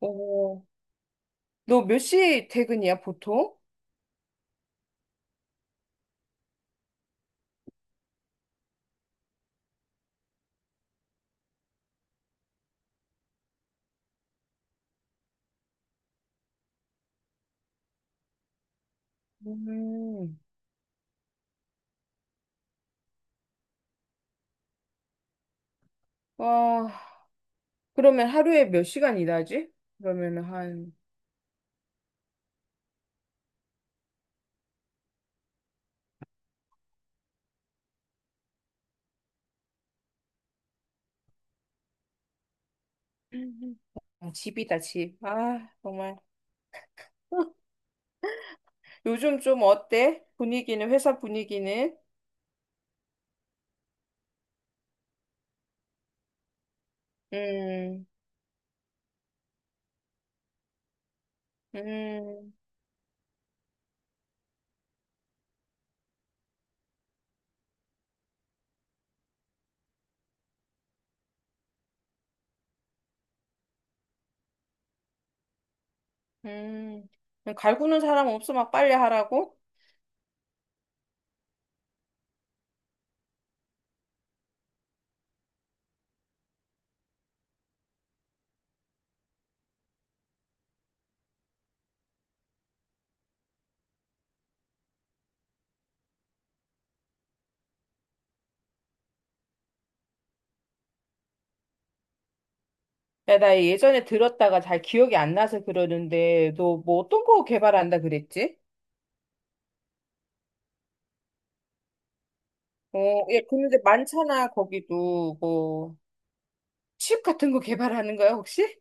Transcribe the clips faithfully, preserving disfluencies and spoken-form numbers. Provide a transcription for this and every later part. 어, 너 몇 시 퇴근이야, 보통? 음. 아, 그러면 하루에 몇 시간 일하지? 그러면 한, 아, 집이다, 집. 아, 정말. 요즘 좀 어때? 분위기는, 회사 분위기는? 음, 음. 음, 갈구는 사람 없어 막 빨리 하라고? 야, 나 예전에 들었다가 잘 기억이 안 나서 그러는데, 너 뭐 어떤 거 개발한다 그랬지? 어, 예, 근데 많잖아, 거기도. 뭐, 칩 같은 거 개발하는 거야, 혹시?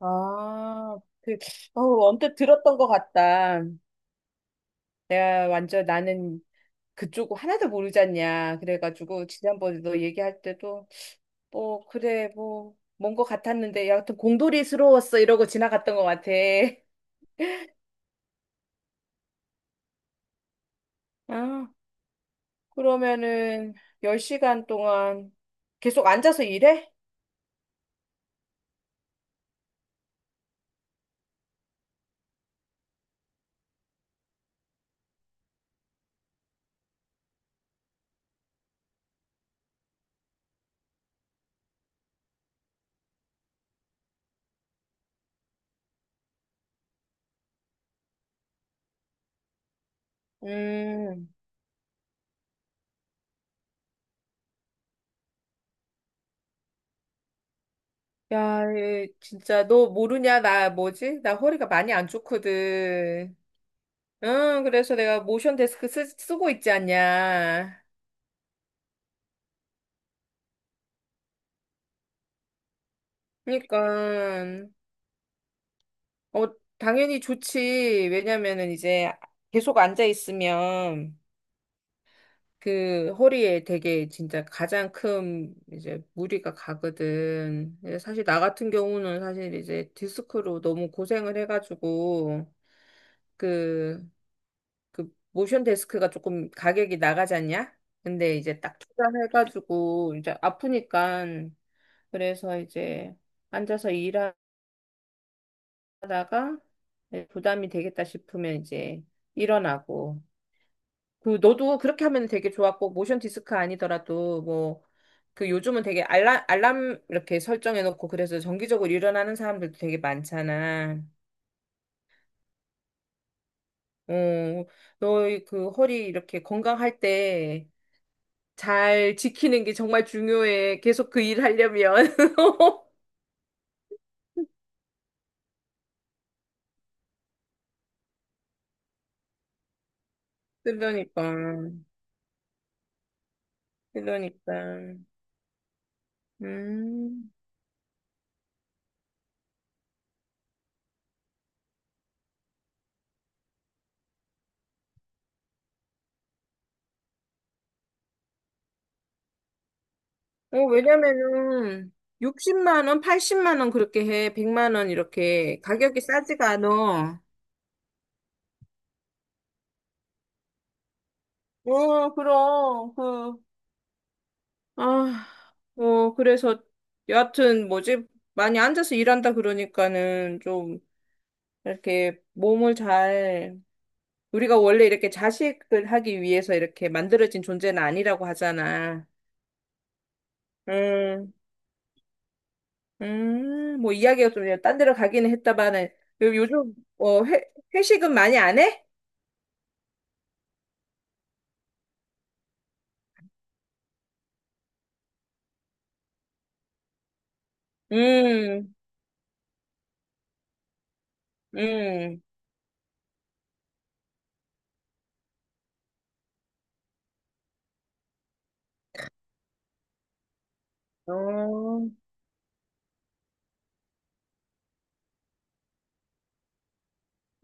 아, 그, 어, 언뜻 들었던 것 같다. 내가 완전 나는 그쪽 하나도 모르지 않냐. 그래가지고, 지난번에 너 얘기할 때도, 뭐, 그래, 뭐, 뭔 것 같았는데, 여하튼 공돌이스러웠어. 이러고 지나갔던 것 같아. 아, 그러면은 열 시간 동안 계속 앉아서 일해? 음. 야, 이- 진짜 너 모르냐? 나 뭐지? 나 허리가 많이 안 좋거든. 응, 그래서 내가 모션 데스크 쓰, 쓰고 있지 않냐. 그러니까 어, 당연히 좋지. 왜냐면은 이제 계속 앉아 있으면 그 허리에 되게 진짜 가장 큰 이제 무리가 가거든. 근데 사실 나 같은 경우는 사실 이제 디스크로 너무 고생을 해가지고 그, 그 모션 데스크가 조금 가격이 나가지 않냐? 근데 이제 딱 투자해가지고 이제 아프니까 그래서 이제 앉아서 일하다가 부담이 되겠다 싶으면 이제 일어나고 그 너도 그렇게 하면 되게 좋았고 모션 디스크 아니더라도 뭐 그 요즘은 되게 알람 알람 이렇게 설정해 놓고 그래서 정기적으로 일어나는 사람들도 되게 많잖아. 어, 너의 그 허리 이렇게 건강할 때 잘 지키는 게 정말 중요해. 계속 그 일 하려면. 그러니까. 그러니까. 음. 어, 왜냐면은 육십만 원, 팔십만 원 그렇게 해. 백만 원 이렇게 가격이 싸지가 않아. 어, 그럼, 그, 아, 뭐, 그래서, 여하튼, 뭐지, 많이 앉아서 일한다 그러니까는 좀, 이렇게 몸을 잘, 우리가 원래 이렇게 자식을 하기 위해서 이렇게 만들어진 존재는 아니라고 하잖아. 음, 음, 뭐, 이야기가 좀, 그냥 딴 데로 가기는 했다마는, 요- 요즘, 어, 회, 회식은 많이 안 해? 음, 음, 어.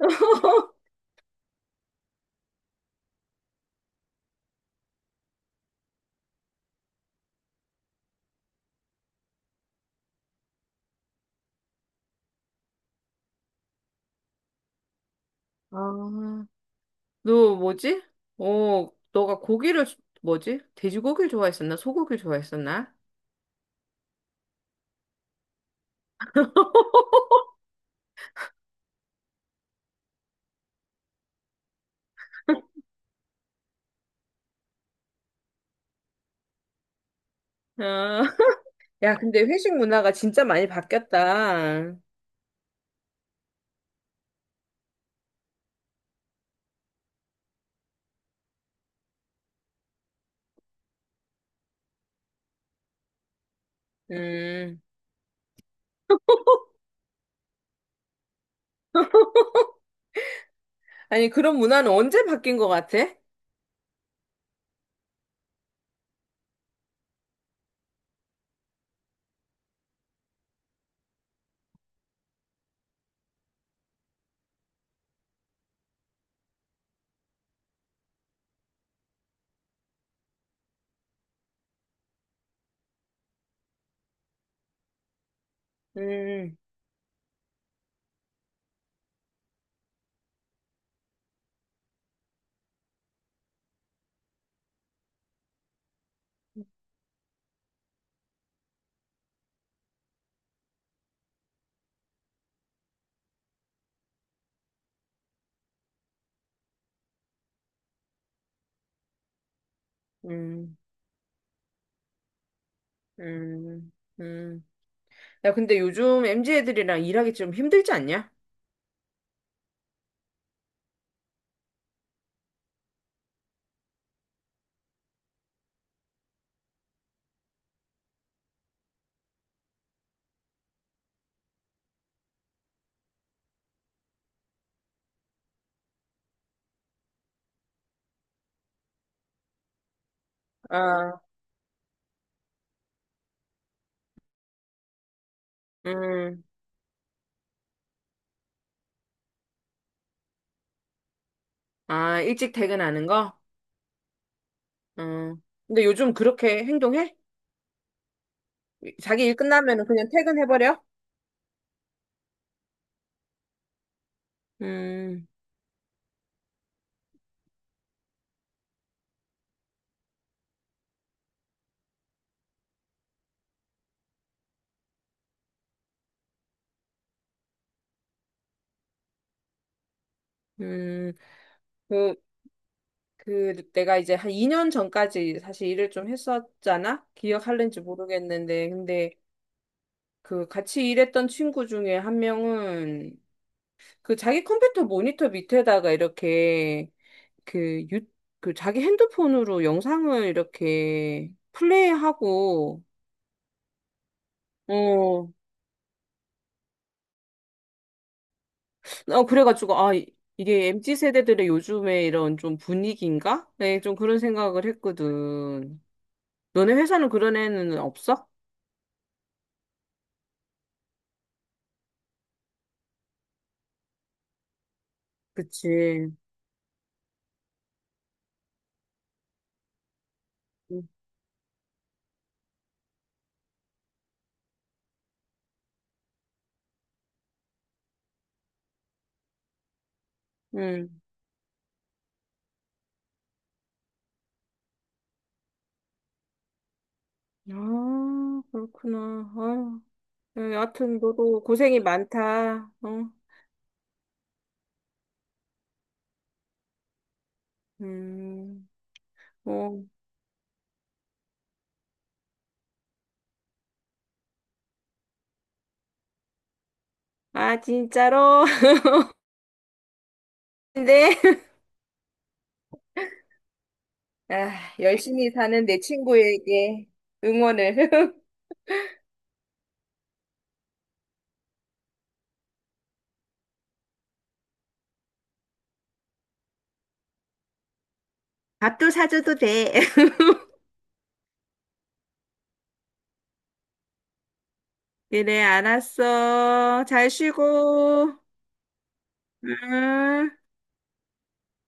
아, 너 뭐지? 어, 너가 고기를 뭐지? 돼지고기를 좋아했었나? 소고기를 좋아했었나? 어, 야, 근데 회식 문화가 진짜 많이 바뀌었다. 음. 아니, 그런 문화는 언제 바뀐 것 같아? 음, 음, 음, 음. 야, 근데 요즘 엠지 애들이랑 일하기 좀 힘들지 않냐? 아, 음. 아, 일찍 퇴근하는 거? 음. 근데 요즘 그렇게 행동해? 자기 일 끝나면 그냥 퇴근해버려? 음, 음, 그, 그, 내가 이제 한 이 년 전까지 사실 일을 좀 했었잖아? 기억할는지 모르겠는데, 근데 그 같이 일했던 친구 중에 한 명은 그 자기 컴퓨터 모니터 밑에다가 이렇게 그 유, 그 자기 핸드폰으로 영상을 이렇게 플레이하고, 어, 어, 그래가지고, 아, 이- 이게 엠지 세대들의 요즘에 이런 좀 분위기인가? 네, 좀 그런 생각을 했거든. 너네 회사는 그런 애는 없어? 그치. 응. 응. 아, 그렇구나. 아, 여하튼 너도 고생이 많다. 어? 음. 어. 아, 진짜로? 근데 아, 열심히 사는 내 친구에게 응원을. 밥도 사줘도 돼. 그래, 알았어. 잘 쉬고. 응.